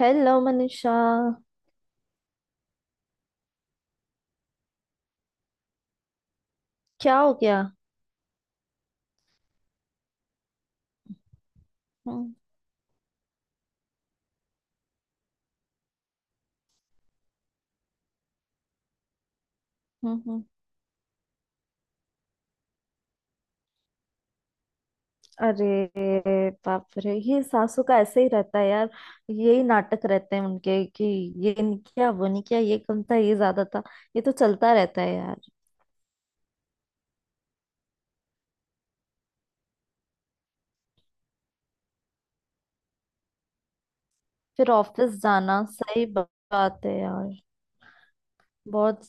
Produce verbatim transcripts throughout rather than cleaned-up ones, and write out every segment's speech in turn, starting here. Hello Manisha. क्या हो गया? हम्म हम्म हम्म। अरे बाप रे, ये सासू का ऐसे ही रहता है यार। यही नाटक रहते हैं उनके कि ये नहीं किया, वो नहीं किया, ये कम था, ये ज्यादा था। ये तो चलता रहता है यार। फिर ऑफिस जाना, सही बात है यार। बहुत।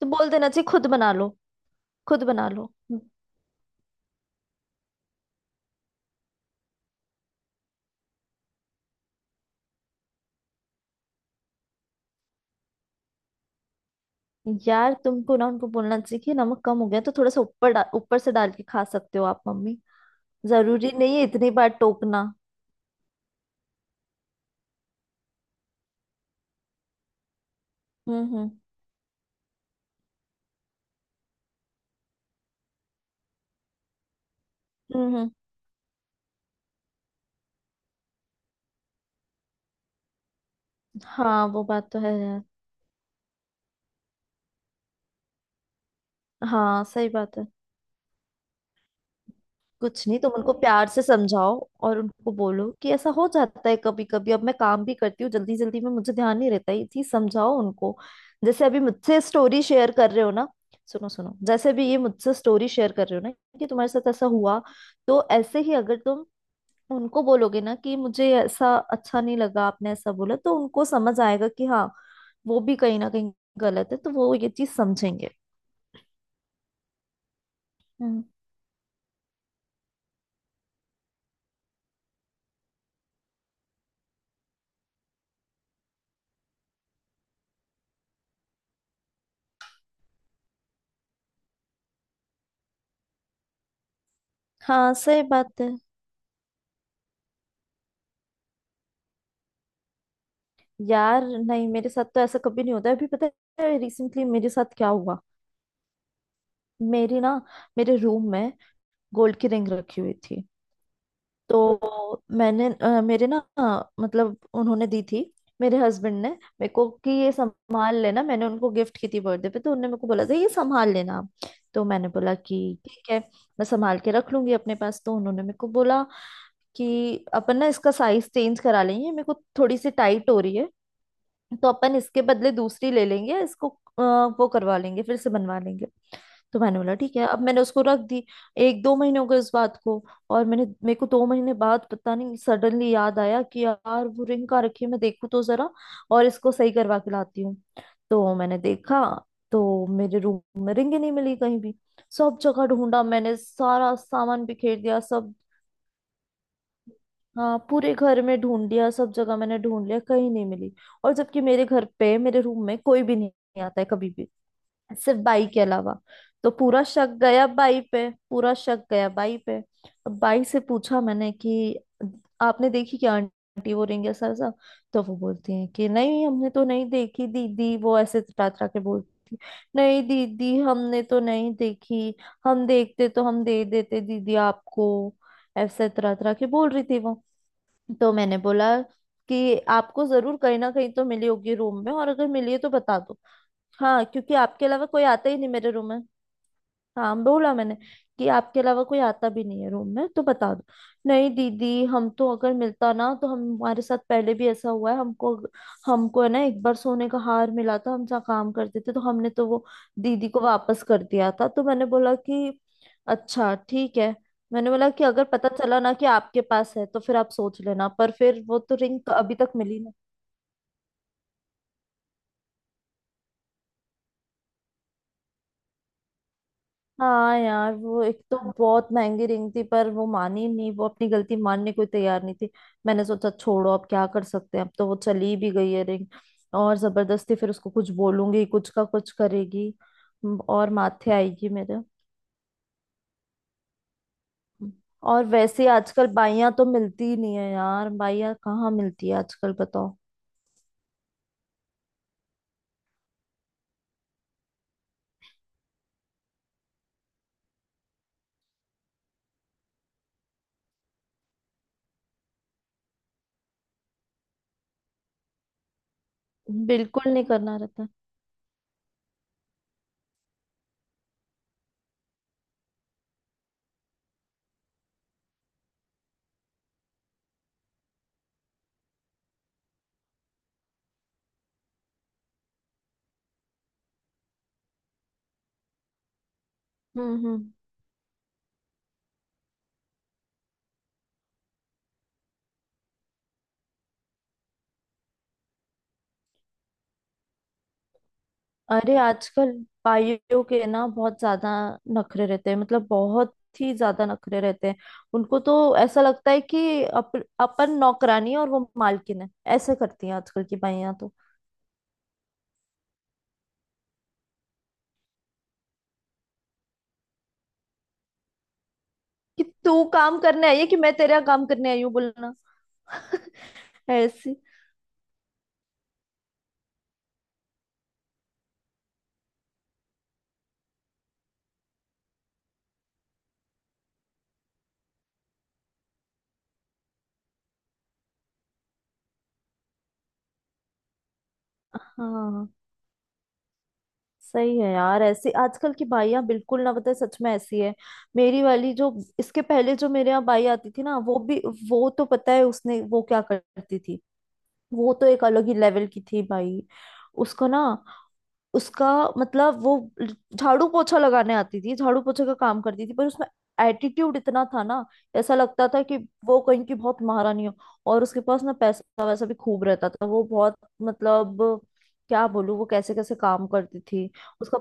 तो बोल देना चाहिए, खुद बना लो। खुद बना लो। हम्म। यार तुमको ना उनको बोलना चाहिए कि नमक कम हो गया तो थोड़ा सा ऊपर डा- ऊपर से डाल के खा सकते हो आप मम्मी। जरूरी नहीं है इतनी बार टोकना। हम्म हम्म हम्म हम्म। हाँ वो बात तो है यार। हाँ सही बात है। कुछ नहीं, तुम उनको प्यार से समझाओ। और उनको बोलो कि ऐसा हो जाता है कभी कभी, अब मैं काम भी करती हूँ, जल्दी जल्दी में मुझे ध्यान नहीं रहता, ये चीज समझाओ उनको। जैसे अभी मुझसे स्टोरी शेयर कर रहे हो ना। सुनो सुनो, जैसे भी ये मुझसे स्टोरी शेयर कर रहे हो ना कि तुम्हारे साथ ऐसा हुआ, तो ऐसे ही अगर तुम उनको बोलोगे ना कि मुझे ऐसा अच्छा नहीं लगा, आपने ऐसा बोला, तो उनको समझ आएगा कि हाँ, वो भी कहीं ना कहीं गलत है, तो वो ये चीज समझेंगे। हम्म हाँ सही बात है यार। नहीं, मेरे साथ तो ऐसा कभी नहीं होता है। अभी पता है, रिसेंटली मेरे साथ क्या हुआ। मेरी ना, मेरे रूम में गोल्ड की रिंग रखी हुई थी। तो मैंने अ, मेरे ना, अ, मतलब उन्होंने दी थी, मेरे हस्बैंड ने मेरे को, कि ये संभाल लेना। मैंने उनको गिफ्ट की थी बर्थडे पे, तो उन्होंने मेरे को बोला था ये संभाल लेना आप। तो मैंने बोला कि ठीक है, मैं संभाल के रख लूंगी अपने पास। तो उन्होंने मेरे को बोला कि अपन ना इसका साइज चेंज करा लेंगे, मेरे को थोड़ी सी टाइट हो रही है, तो अपन इसके बदले दूसरी ले लेंगे, इसको अ, वो करवा लेंगे, फिर से बनवा लेंगे। तो मैंने बोला ठीक है। अब मैंने उसको रख दी। एक दो महीने हो गए उस बात को, और मैंने मेरे को दो महीने बाद पता नहीं सडनली याद आया कि यार वो रिंग कहाँ रखी है, मैं देखूँ तो जरा, और इसको सही करवा के लाती हूँ। तो मैंने देखा तो मेरे रूम में रिंग ही नहीं मिली कहीं भी। सब जगह ढूंढा मैंने, सारा सामान बिखेर दिया सब। हाँ पूरे घर में ढूंढ लिया, सब जगह मैंने ढूंढ लिया, कहीं नहीं मिली। और जबकि मेरे घर पे मेरे रूम में कोई भी नहीं आता है कभी भी, सिर्फ बाई के अलावा। तो पूरा शक गया बाई पे, पूरा शक गया बाई पे। अब बाई से पूछा मैंने कि आपने देखी क्या आंटी वो रिंग, ऐसा ऐसा। तो वो बोलती है कि नहीं हमने तो नहीं देखी दीदी, वो ऐसे तड़ा तड़ा के बोलती, नहीं दीदी हमने तो नहीं देखी, हम देखते तो हम दे देते दीदी आपको, ऐसे तरह तरह के बोल रही थी वो। तो मैंने बोला कि आपको जरूर कहीं ना कहीं तो मिली होगी रूम में, और अगर मिली है तो बता दो। हाँ क्योंकि आपके अलावा कोई आता ही नहीं मेरे रूम में। हाँ बोला मैंने कि आपके अलावा कोई आता भी नहीं है रूम में, तो बता दो। नहीं दीदी हम तो अगर मिलता ना तो हम, हमारे साथ पहले भी ऐसा हुआ है, हमको, हमको है ना एक बार सोने का हार मिला था हम जहाँ काम करते थे, तो हमने तो वो दीदी को वापस कर दिया था। तो मैंने बोला कि अच्छा ठीक है। मैंने बोला कि अगर पता चला ना कि आपके पास है तो फिर आप सोच लेना। पर फिर वो तो रिंग अभी तक मिली। हाँ यार वो एक तो बहुत महंगी रिंग थी, पर वो मानी नहीं, वो अपनी गलती मानने को तैयार नहीं थी। मैंने सोचा छोड़ो, अब क्या कर सकते हैं, अब तो वो चली भी गई है रिंग। और जबरदस्ती फिर उसको कुछ बोलूंगी, कुछ का कुछ करेगी। म, और माथे आएगी मेरे। और वैसे आजकल बाइयां तो मिलती ही नहीं है यार, बाइयां कहाँ मिलती है आजकल, बताओ। बिल्कुल नहीं करना रहता। हम्म हम्म अरे आजकल भाइयों के ना बहुत ज्यादा नखरे रहते हैं, मतलब बहुत ही ज्यादा नखरे रहते हैं। उनको तो ऐसा लगता है कि अप, अपन नौकरानी है और वो मालकिन है। ऐसे करती हैं आजकल की भाइयां तो। कि तू काम करने आई है कि मैं तेरा काम करने आई हूँ, बोलना। ऐसी। हाँ सही है यार, ऐसी आजकल की भाइयां बिल्कुल ना बताए, सच में ऐसी है। मेरी वाली जो, इसके पहले जो मेरे यहाँ बाई आती थी ना वो भी, वो तो पता है उसने वो क्या करती थी। वो तो एक अलग ही लेवल की थी भाई। उसको ना, उसका, मतलब वो झाड़ू पोछा लगाने आती थी, झाड़ू पोछे का काम करती थी, पर उसमें एटीट्यूड इतना था ना, ऐसा लगता था कि वो कहीं की बहुत महारानी हो। और उसके पास ना पैसा वैसा भी खूब रहता था, वो बहुत, मतलब क्या बोलूं, वो कैसे कैसे काम करती थी। उसका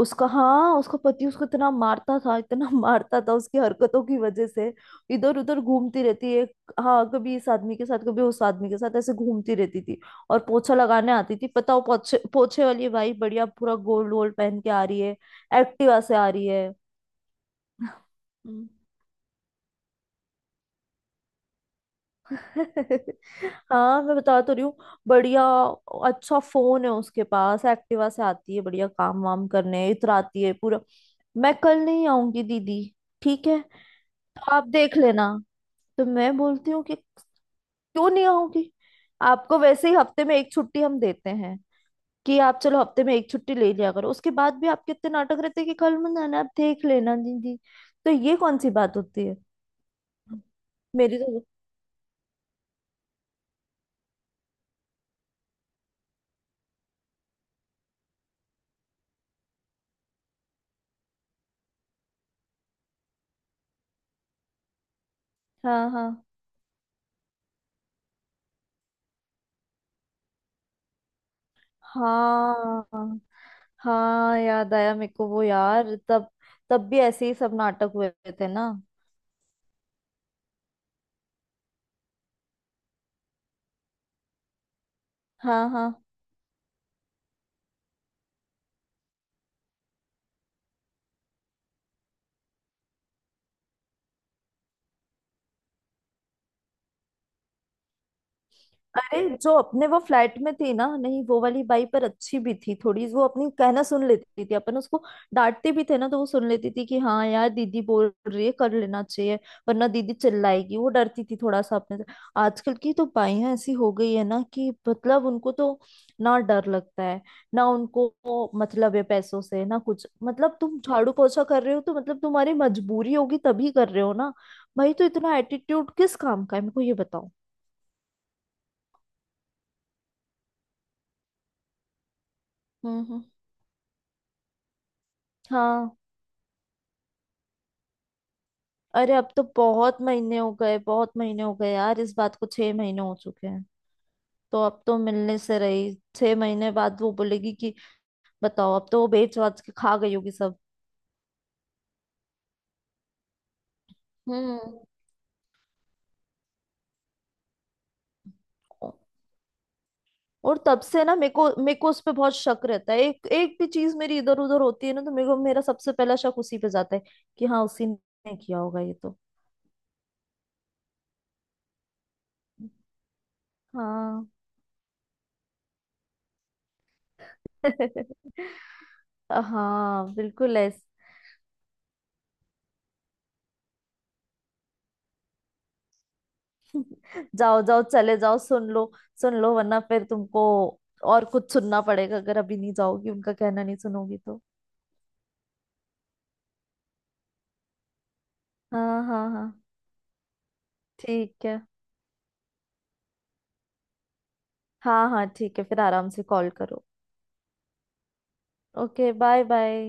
उसका हाँ, उसका पति उसको इतना मारता था, इतना मारता था उसकी हरकतों की वजह से। इधर उधर घूमती रहती है, हाँ कभी इस आदमी के साथ कभी उस आदमी के साथ, ऐसे घूमती रहती थी। और पोछा लगाने आती थी पता, वो पोछे पोछे वाली भाई बढ़िया पूरा गोल्ड वोल्ड पहन के आ रही है, एक्टिवा से आ रही है। हम्म। हाँ मैं बता तो रही हूँ। बढ़िया अच्छा फोन है उसके पास, एक्टिवा से आती है, बढ़िया काम वाम करने इतराती है पूरा। मैं कल नहीं आऊंगी दीदी, ठीक है आप देख लेना। तो मैं बोलती हूँ कि क्यों नहीं आऊंगी? आपको वैसे ही हफ्ते में एक छुट्टी हम देते हैं कि आप चलो हफ्ते में एक छुट्टी ले लिया करो। उसके बाद भी आपके इतने नाटक रहते हैं कि कल मत आना आप देख लेना दीदी। तो ये कौन सी बात होती है? मेरी तो, हाँ हाँ हाँ। हाँ हाँ याद आया मेरे को वो यार, तब, तब भी ऐसे ही सब नाटक हुए थे ना। हाँ हाँ। अरे जो अपने वो फ्लैट में थी ना, नहीं वो वाली बाई पर अच्छी भी थी थोड़ी, वो अपनी कहना सुन लेती थी, अपन उसको डांटते भी थे ना तो वो सुन लेती थी कि हाँ यार दीदी बोल रही है, कर लेना चाहिए, वरना दीदी चिल्लाएगी। वो डरती थी थोड़ा सा अपने से। आजकल की तो बाइयां ऐसी हो गई है ना कि मतलब उनको तो ना डर लगता है, ना उनको वो मतलब है पैसों से ना, कुछ मतलब तुम झाड़ू पोछा कर रहे हो तो मतलब तुम्हारी मजबूरी होगी, तभी कर रहे हो ना। भाई तो इतना एटीट्यूड किस काम का है, मेरे को ये बताओ। हम्म हम्म हाँ, अरे अब तो बहुत महीने हो गए, बहुत महीने हो गए यार, इस बात को छह महीने हो चुके हैं। तो अब तो मिलने से रही, छह महीने बाद वो बोलेगी कि बताओ, अब तो वो बेच वाच के खा गई होगी सब। हम्म और तब से ना मेरे को, मेरे को उस पे बहुत शक रहता है, एक एक भी चीज मेरी इधर उधर होती है ना तो मेरे को, मेरा सबसे पहला शक उसी पे जाता है कि हाँ, उसी ने किया होगा ये तो। हाँ हाँ बिल्कुल ऐसे। जाओ जाओ, चले जाओ, सुन लो। सुन लो वरना फिर तुमको और कुछ सुनना पड़ेगा, अगर अभी नहीं जाओगी, उनका कहना नहीं सुनोगी तो। हाँ हाँ हाँ ठीक है। हाँ हाँ ठीक है, फिर आराम से कॉल करो। Okay bye bye.